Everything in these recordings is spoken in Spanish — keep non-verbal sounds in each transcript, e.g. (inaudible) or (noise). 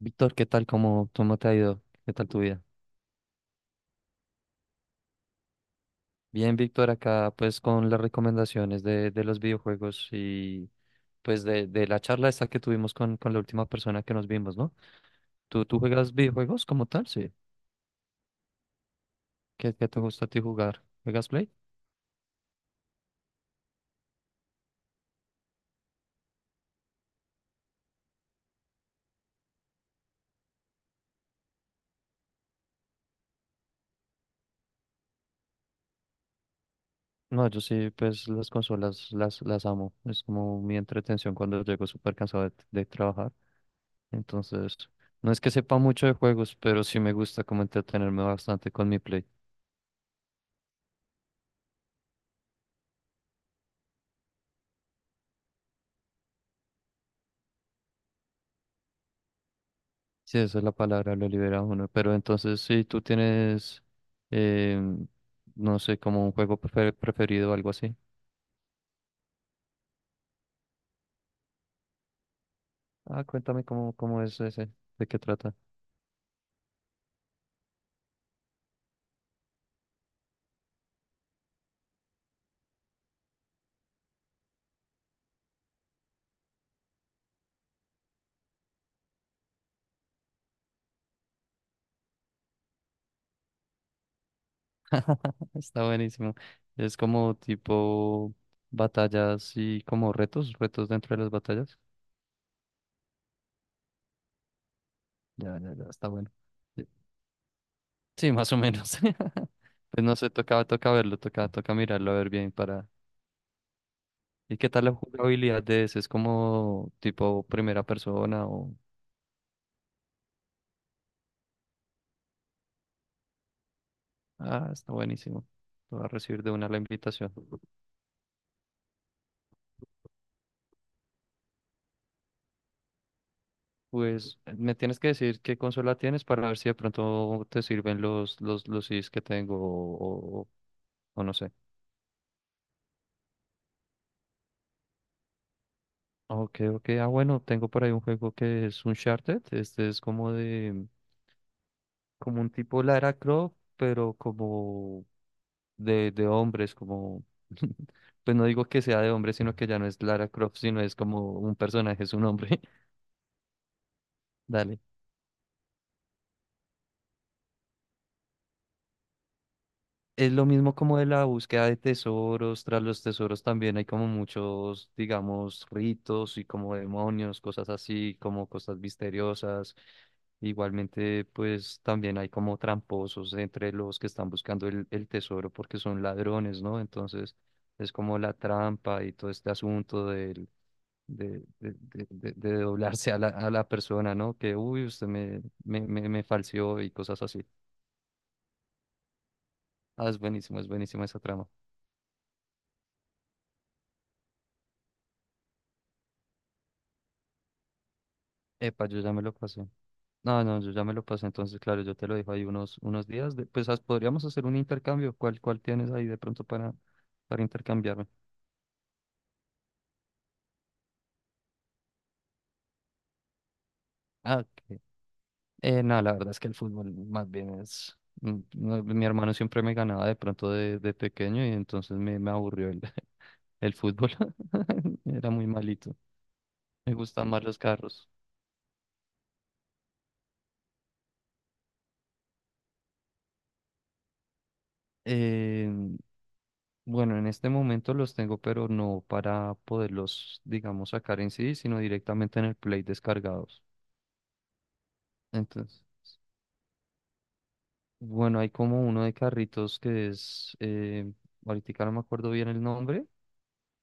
Víctor, ¿qué tal? ¿¿Cómo te ha ido? ¿Qué tal tu vida? Bien, Víctor, acá pues con las recomendaciones de los videojuegos y pues de la charla esta que tuvimos con la última persona que nos vimos, ¿no? ¿¿Tú juegas videojuegos como tal? Sí. ¿¿Qué te gusta a ti jugar? ¿Juegas Play? No, yo sí, pues las consolas las amo. Es como mi entretención cuando llego súper cansado de trabajar. Entonces, no es que sepa mucho de juegos, pero sí me gusta como entretenerme bastante con mi Play. Sí, esa es la palabra, lo libera uno. Pero entonces, si tú tienes, em, no sé, como un juego preferido o algo así. Ah, cuéntame cómo es ese, de qué trata. (laughs) Está buenísimo. Es como tipo batallas y como retos, retos dentro de las batallas. Ya, ya, ya, está bueno. Sí, sí, más o menos. (laughs) Pues no sé, toca, toca verlo, toca, toca mirarlo a ver bien para... ¿Y qué tal la jugabilidad de ese? ¿Es como tipo primera persona o...? Ah, está buenísimo. Te voy a recibir de una la invitación. Pues me tienes que decir qué consola tienes para ver si de pronto te sirven los CDs que tengo o no sé. Ok, ok. Ah, bueno, tengo por ahí un juego que es Uncharted. Este es como de, como un tipo Lara Croft, pero como de hombres, como, (laughs) pues no digo que sea de hombres, sino que ya no es Lara Croft, sino es como un personaje, es un hombre. (laughs) Dale. Es lo mismo como de la búsqueda de tesoros, tras los tesoros también hay como muchos, digamos, ritos y como demonios, cosas así, como cosas misteriosas. Igualmente, pues también hay como tramposos entre los que están buscando el tesoro porque son ladrones, ¿no? Entonces es como la trampa y todo este asunto de doblarse a la persona, ¿no? Que, uy, usted me falseó y cosas así. Ah, es buenísimo, es buenísima esa trama. Epa, yo ya me lo pasé. No, no, yo ya me lo pasé. Entonces, claro, yo te lo dejo ahí unos días. Podríamos hacer un intercambio. ¿¿Cuál tienes ahí de pronto para intercambiarme? Ah, ok. No, la verdad es que el fútbol más bien es... mm, no, mi hermano siempre me ganaba de pronto de pequeño y entonces me aburrió (laughs) el fútbol. (laughs) Era muy malito. Me gustan más los carros. Eh, bueno, en este momento los tengo, pero no para poderlos, digamos, sacar en sí, sino directamente en el Play descargados. Entonces, bueno, hay como uno de carritos que es, ahorita no me acuerdo bien el nombre,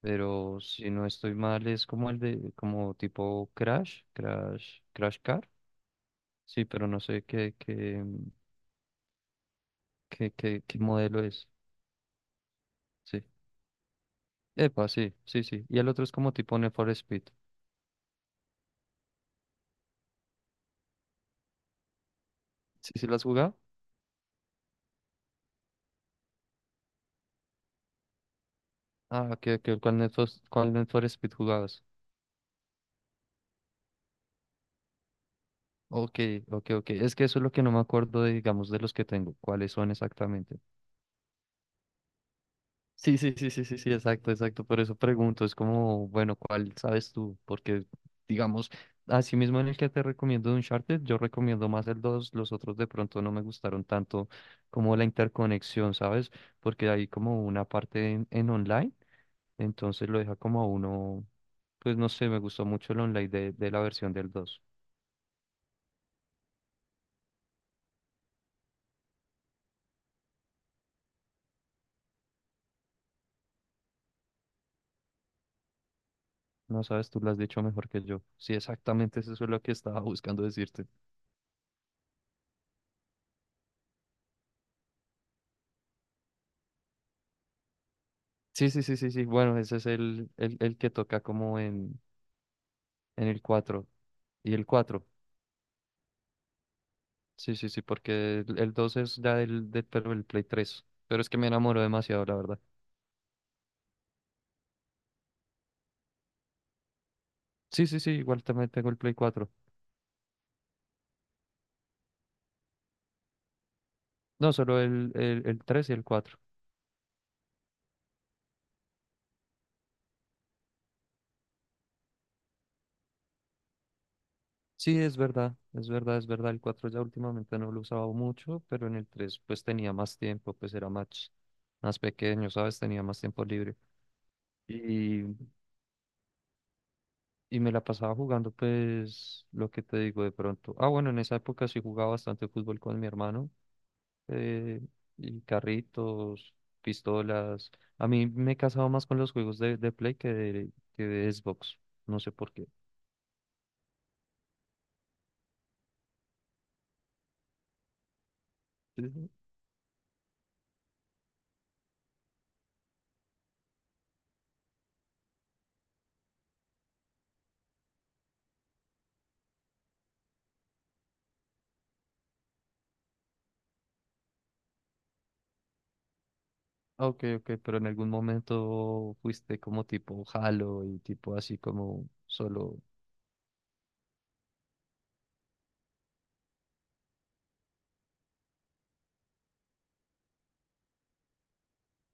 pero si no estoy mal es como el de, como tipo Crash Car. Sí, pero no sé qué modelo es. Sí. Epa, sí, sí, sí. Y el otro es como tipo Need for Speed. ¿Sí, sí lo has jugado? Ah, que cuál Need for Speed jugabas? Ok, ok, ok. Es que eso es lo que no me acuerdo, de, digamos, de los que tengo. ¿Cuáles son exactamente? Sí, sí, sí, sí, sí, sí, exacto, exacto. Por eso pregunto, es como, bueno, ¿cuál sabes tú? Porque, digamos, así mismo en el que te recomiendo de Uncharted, yo recomiendo más el dos, los otros de pronto no me gustaron tanto como la interconexión, ¿sabes? Porque hay como una parte en online, entonces lo deja como a uno, pues no sé, me gustó mucho el online de la versión del dos. No sabes, tú lo has dicho mejor que yo. Sí, exactamente eso es lo que estaba (laughs) buscando decirte. Sí, sí, sí, sí, sí. Bueno, ese es el que toca como en el cuatro. Y el cuatro. Sí, sí, sí, porque el 2 es ya del, pero el Play tres. Pero es que me enamoro demasiado, la verdad. Sí, sí, sí, igual también tengo el Play cuatro. No, solo el 3 y el cuatro. Sí, es verdad, es verdad, es verdad. El 4 ya últimamente no lo usaba mucho, pero en el 3 pues tenía más tiempo, pues era más, más pequeño, ¿sabes? Tenía más tiempo libre. Y, y me la pasaba jugando, pues, lo que te digo de pronto. Ah, bueno, en esa época sí jugaba bastante fútbol con mi hermano. eh, y carritos, pistolas. A mí me he casado más con los juegos de Play que que de Xbox. No sé por qué. Ujú. Ah, ok, ok, pero en algún momento fuiste como tipo Halo y tipo así como solo...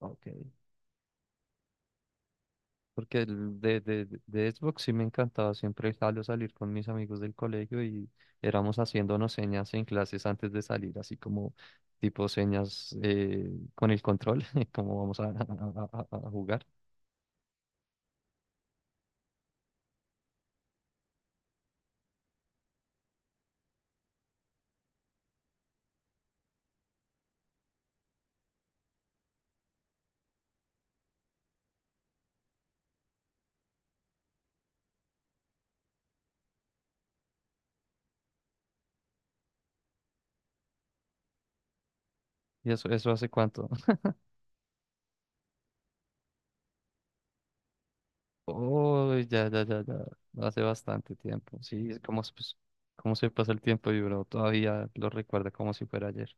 ah, ok. Porque el de Xbox sí me encantaba siempre el Halo, salir con mis amigos del colegio y éramos haciéndonos señas en clases antes de salir, así como tipo señas con el control, (laughs) como vamos a jugar. ¿Y eso hace cuánto? (laughs) Oh, ya, ya, ya, ya. No hace bastante tiempo. Sí, es como, pues, cómo se pasa el tiempo y uno todavía lo recuerda como si fuera ayer.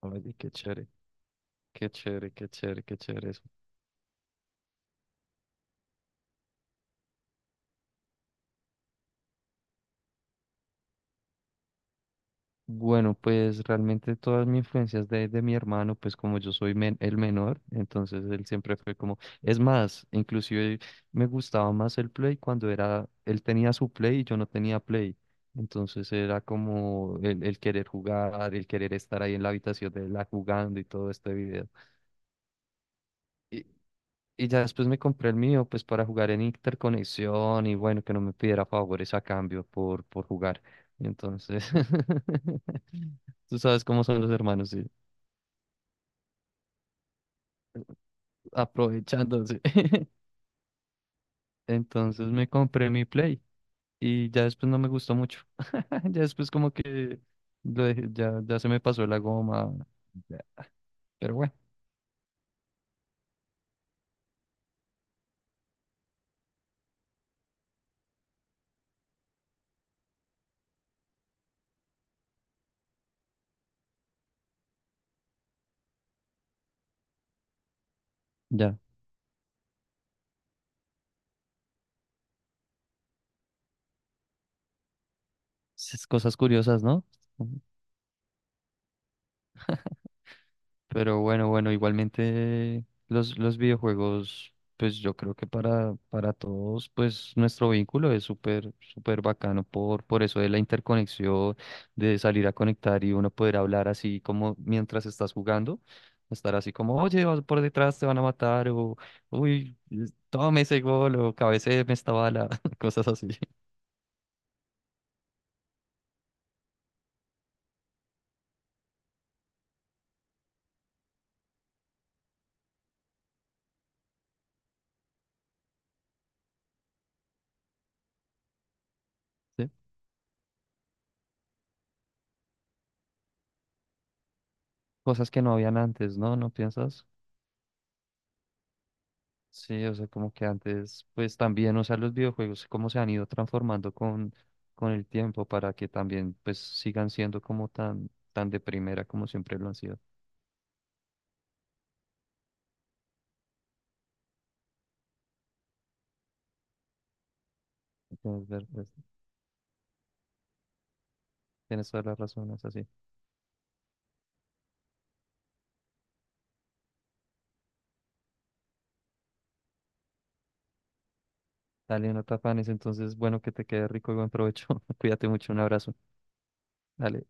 Oye, qué chévere, qué chévere, qué chévere, qué chévere. Bueno, pues realmente todas mis influencias de mi hermano, pues como yo soy el menor, entonces él siempre fue como, es más, inclusive me gustaba más el Play cuando era, él tenía su Play y yo no tenía Play, entonces era como el querer jugar, el querer estar ahí en la habitación de la jugando y todo este video. Y, y ya después me compré el mío, pues para jugar en interconexión y bueno, que no me pidiera favores a cambio por jugar. Y entonces, (laughs) tú sabes cómo son los hermanos, sí, aprovechándose. (laughs) Entonces me compré mi Play y ya después no me gustó mucho. (laughs) Ya después como que ya, ya se me pasó la goma. Ya, pero bueno, ya. Esas cosas curiosas, ¿no? Pero bueno, bueno, igualmente los videojuegos, pues yo creo que para todos, pues nuestro vínculo es súper, súper bacano por eso de la interconexión, de salir a conectar y uno poder hablar así como mientras estás jugando, estar así como, oye, vas por detrás, te van a matar, o uy, tome ese gol, o cabecéeme esta bala, (laughs) cosas así, ¿sí? Cosas que no habían antes, ¿no? ¿No piensas? Sí, o sea, como que antes, pues también, o sea, los videojuegos, cómo se han ido transformando con el tiempo para que también, pues, sigan siendo como tan, tan de primera como siempre lo han sido. Tienes, ver- es- Tienes toda la razón, es así. Dale, no te afanes, entonces, bueno, que te quede rico y buen provecho. (laughs) Cuídate mucho, un abrazo. Dale.